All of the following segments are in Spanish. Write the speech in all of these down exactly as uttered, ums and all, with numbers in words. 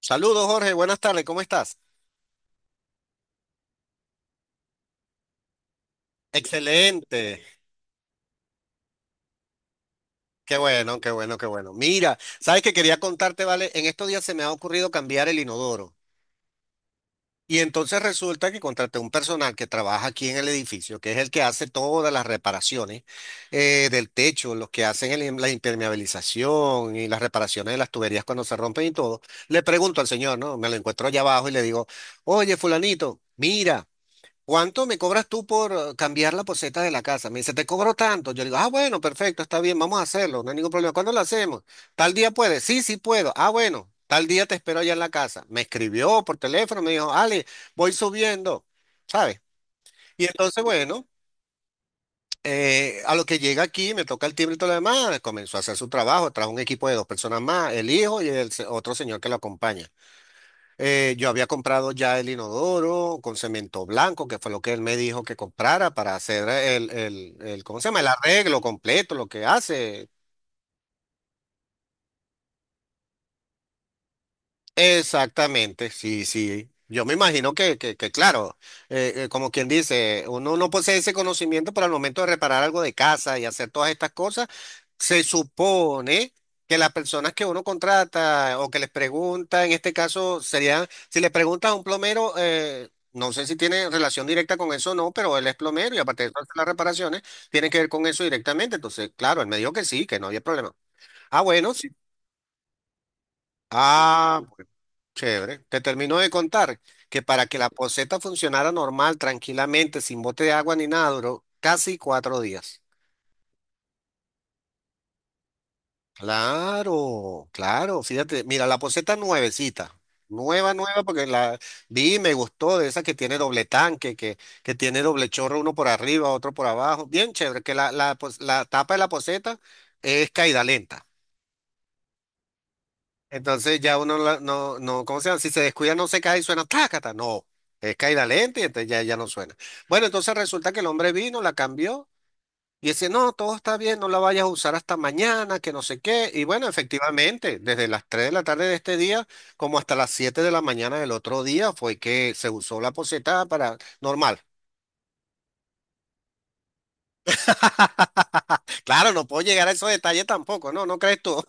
Saludos, Jorge. Buenas tardes. ¿Cómo estás? Excelente. Qué bueno, qué bueno, qué bueno. Mira, sabes que quería contarte, ¿vale? En estos días se me ha ocurrido cambiar el inodoro. Y entonces resulta que contraté un personal que trabaja aquí en el edificio, que es el que hace todas las reparaciones eh, del techo, los que hacen el- la impermeabilización y las reparaciones de las tuberías cuando se rompen y todo. Le pregunto al señor, ¿no? Me lo encuentro allá abajo y le digo, oye, fulanito, mira. ¿Cuánto me cobras tú por eh, cambiar la poceta de la casa? Me dice, te cobro tanto. Yo le digo, ah, bueno, perfecto, está bien, vamos a hacerlo, no hay ningún problema. ¿Cuándo lo hacemos? Tal día puedes. Sí, sí puedo. Ah, bueno, tal día te espero allá en la casa. Me escribió por teléfono, me dijo, Ale, voy subiendo, ¿sabes? Y entonces, bueno, eh, a lo que llega aquí, me toca el timbre y todo lo demás, comenzó a hacer su trabajo, trajo un equipo de dos personas más, el hijo y el se- otro señor que lo acompaña. Eh, yo había comprado ya el inodoro con cemento blanco, que fue lo que él me dijo que comprara para hacer el, el, el- ¿cómo se llama? El arreglo completo, lo que hace. Exactamente, sí, sí. Yo me imagino que, que, que claro, eh, eh, como quien dice, uno no posee ese conocimiento, pero al momento de reparar algo de casa y hacer todas estas cosas, se supone que las personas que uno contrata o que les pregunta, en este caso serían, si le preguntas a un plomero, eh, no sé si tiene relación directa con eso o no, pero él es plomero y aparte de eso hace las reparaciones, tiene que ver con eso directamente. Entonces, claro, él me dijo que sí, que no había problema. Ah, bueno, sí. Ah, chévere. Te termino de contar que para que la poceta funcionara normal, tranquilamente, sin bote de agua ni nada, duró casi cuatro días. Claro, claro. Fíjate, mira, la poceta nuevecita. Nueva, nueva, porque la vi y me gustó, de esa que tiene doble tanque, que, que tiene doble chorro, uno por arriba, otro por abajo. Bien chévere, que la, la, pos- la tapa de la poceta es caída lenta. Entonces ya uno la- no, no, ¿cómo se llama? Si se descuida no se cae y suena tácata. No, es caída lenta y entonces ya, ya no suena. Bueno, entonces resulta que el hombre vino, la cambió y dice, no, todo está bien, no la vayas a usar hasta mañana, que no sé qué. Y bueno, efectivamente, desde las tres de la tarde de este día como hasta las siete de la mañana del otro día fue que se usó la poceta para normal. Claro, no puedo llegar a esos detalles tampoco, ¿no? ¿No crees tú?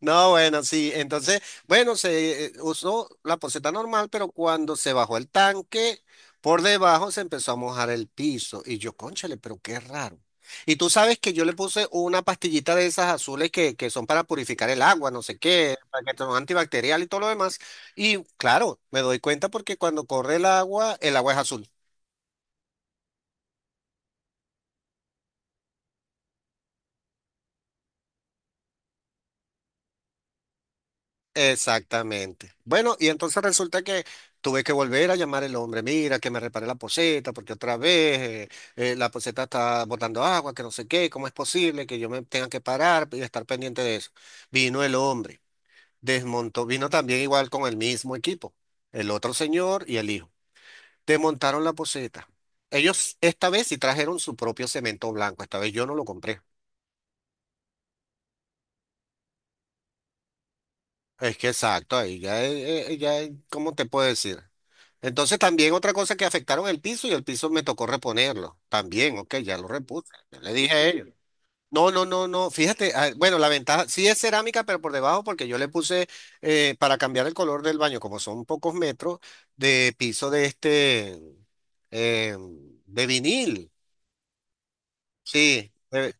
No, bueno, sí. Entonces, bueno, se eh, usó la poceta normal, pero cuando se bajó el tanque, por debajo se empezó a mojar el piso. Y yo, cónchale, pero qué raro. Y tú sabes que yo le puse una pastillita de esas azules que, que son para purificar el agua, no sé qué, para que son antibacterial y todo lo demás. Y claro, me doy cuenta porque cuando corre el agua, el agua es azul. Exactamente. Bueno, y entonces resulta que tuve que volver a llamar al hombre, mira, que me repare la poceta, porque otra vez eh, eh, la poceta está botando agua, que no sé qué, ¿cómo es posible que yo me tenga que parar y estar pendiente de eso? Vino el hombre, desmontó, vino también igual con el mismo equipo, el otro señor y el hijo. Desmontaron la poceta. Ellos esta vez sí trajeron su propio cemento blanco, esta vez yo no lo compré. Es que exacto, ahí ya, es- eh, ya, es- ¿cómo te puedo decir? Entonces también otra cosa que afectaron el piso y el piso me tocó reponerlo. También, ok, ya lo repuse. Ya le dije a ellos. No, no, no, no. Fíjate, ah, bueno, la ventaja sí es cerámica, pero por debajo, porque yo le puse eh, para cambiar el color del baño, como son pocos metros, de piso de este eh, de vinil. Sí, de...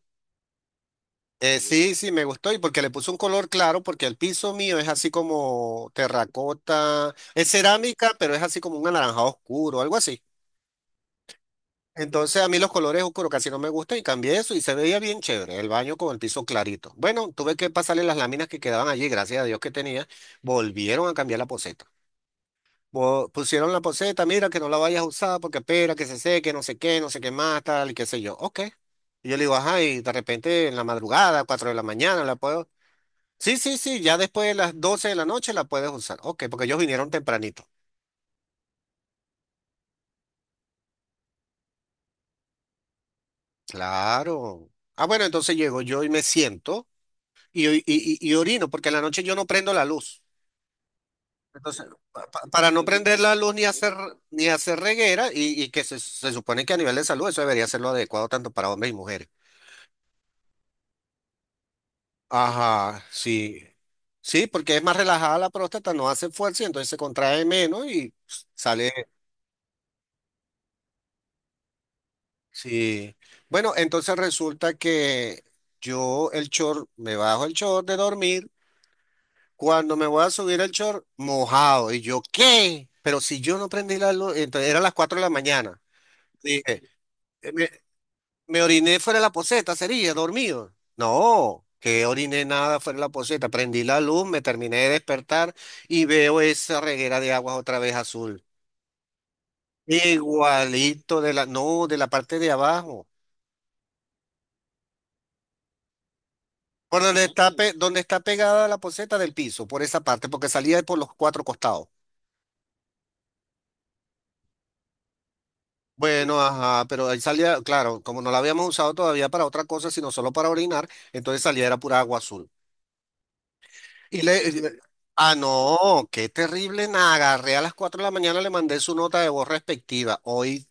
Eh, sí, sí, me gustó y porque le puso un color claro, porque el piso mío es así como terracota, es cerámica, pero es así como un anaranjado oscuro, algo así. Entonces a mí los colores oscuros casi no me gustan y cambié eso y se veía bien chévere el baño con el piso clarito. Bueno, tuve que pasarle las láminas que quedaban allí, gracias a Dios que tenía, volvieron a cambiar la poceta. Vo- Pusieron la poceta, mira que no la vayas a usar porque espera que se seque, no sé qué, no sé qué más, tal y qué sé yo. Ok. Y yo le digo, ajá, y de repente en la madrugada, cuatro de la mañana, la puedo. Sí, sí, sí, ya después de las doce de la noche la puedes usar. Ok, porque ellos vinieron tempranito. Claro. Ah, bueno, entonces llego yo y me siento y, y, y- y orino, porque en la noche yo no prendo la luz. Entonces, pa- pa- para no prender la luz ni hacer, ni hacer reguera, y, y que se, se supone que a nivel de salud eso debería ser lo adecuado tanto para hombres y mujeres. Ajá, sí. Sí, porque es más relajada la próstata, no hace fuerza y entonces se contrae menos y sale. Sí. Bueno, entonces resulta que yo el short, me bajo el short de dormir, cuando me voy a subir el short, mojado. Y yo, ¿qué? Pero si yo no prendí la luz, entonces eran las cuatro de la mañana. Dije, eh, me, me oriné fuera de la poceta, sería, dormido. No, que oriné nada fuera de la poceta. Prendí la luz, me terminé de despertar y veo esa reguera de aguas otra vez azul. Igualito de la, no, de la parte de abajo. Por donde está, pe- donde está pegada la poceta del piso, por esa parte, porque salía por los cuatro costados. Bueno, ajá, pero ahí salía, claro, como no la habíamos usado todavía para otra cosa, sino solo para orinar, entonces salía era pura agua azul. Y le, y le- ah, no, qué terrible, nada, agarré a las cuatro de la mañana, le mandé su nota de voz respectiva. Hoy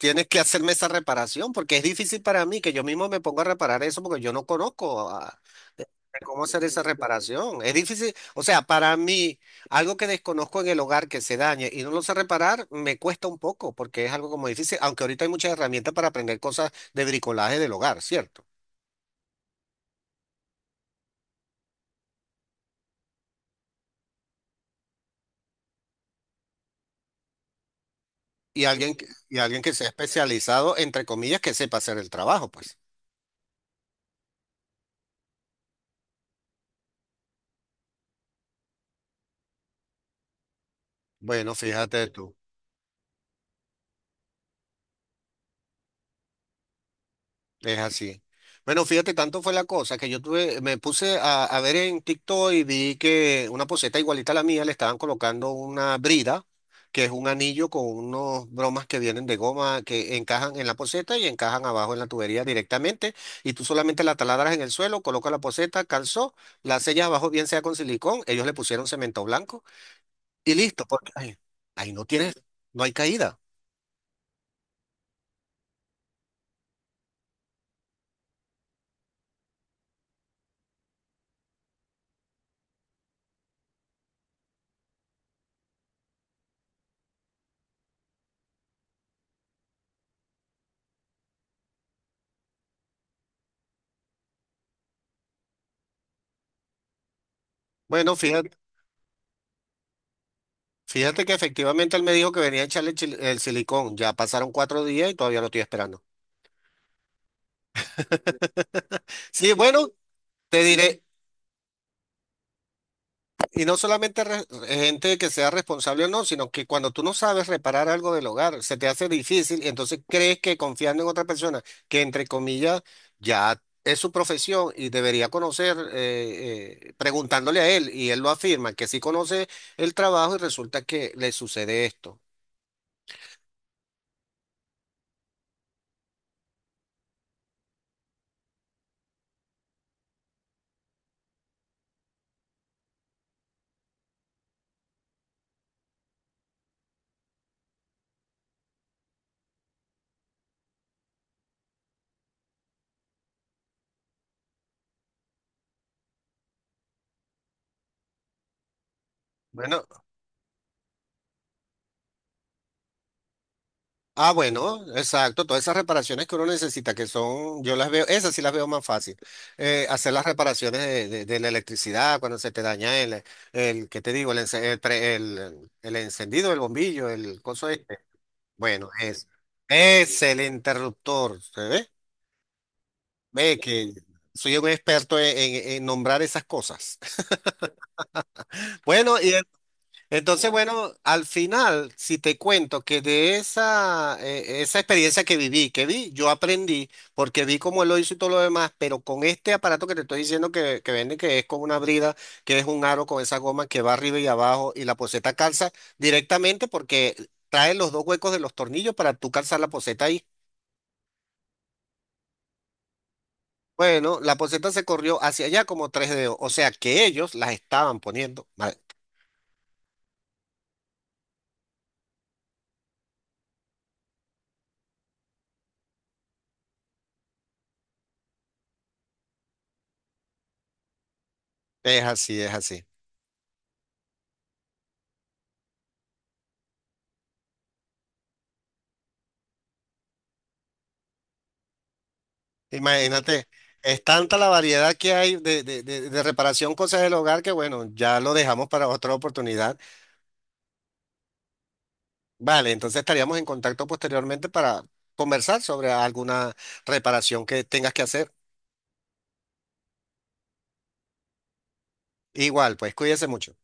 tienes que hacerme esa reparación porque es difícil para mí que yo mismo me ponga a reparar eso porque yo no conozco a- de- de cómo hacer esa reparación. Es difícil, o sea, para mí, algo que desconozco en el hogar que se dañe y no lo sé reparar, me cuesta un poco porque es algo como difícil, aunque ahorita hay muchas herramientas para aprender cosas de bricolaje del hogar, ¿cierto? Y alguien, que- y alguien que sea especializado, entre comillas, que sepa hacer el trabajo, pues. Bueno, fíjate tú. Es así. Bueno, fíjate, tanto fue la cosa que yo tuve, me puse a, a ver en TikTok y vi que una poseta igualita a la mía le estaban colocando una brida, que es un anillo con unos bromas que vienen de goma que encajan en la poseta y encajan abajo en la tubería directamente. Y tú solamente la taladras en el suelo, colocas la poseta, calzó, la sellas abajo, bien sea con silicón. Ellos le pusieron cemento blanco y listo, porque ahí, ahí no tienes, no hay caída. Bueno, fíjate. Fíjate que efectivamente él me dijo que venía a echarle el, chil- el silicón. Ya pasaron cuatro días y todavía lo estoy esperando. Sí, bueno, te diré, y no solamente re- gente que sea responsable o no, sino que cuando tú no sabes reparar algo del hogar, se te hace difícil y entonces crees que confiando en otra persona, que entre comillas ya es su profesión y debería conocer, eh, eh, preguntándole a él, y él lo afirma, que sí conoce el trabajo y resulta que le sucede esto. Bueno. Ah, bueno, exacto. Todas esas reparaciones que uno necesita, que son, yo las veo, esas sí las veo más fácil. Eh, hacer las reparaciones de, de- de la electricidad cuando se te daña el, el, ¿qué te digo? El, ence- el, pre- el, el encendido del bombillo, el coso este. Bueno, es, es el interruptor, ¿se ve? Ve que soy un experto en, en- en nombrar esas cosas. Bueno, y Entonces, bueno, al final, si te cuento que de esa, eh, esa experiencia que viví, que vi, yo aprendí, porque vi cómo él lo hizo y todo lo demás, pero con este aparato que te estoy diciendo que, que vende, que es con una brida, que es un aro con esa goma que va arriba y abajo, y la poceta calza directamente porque trae los dos huecos de los tornillos para tú calzar la poceta ahí. Bueno, la poceta se corrió hacia allá como tres dedos, o sea que ellos las estaban poniendo mal. Es así, es así. Imagínate, es tanta la variedad que hay de, de, de, de reparación, cosas del hogar, que bueno, ya lo dejamos para otra oportunidad. Vale, entonces estaríamos en contacto posteriormente para conversar sobre alguna reparación que tengas que hacer. Igual, pues cuídese mucho.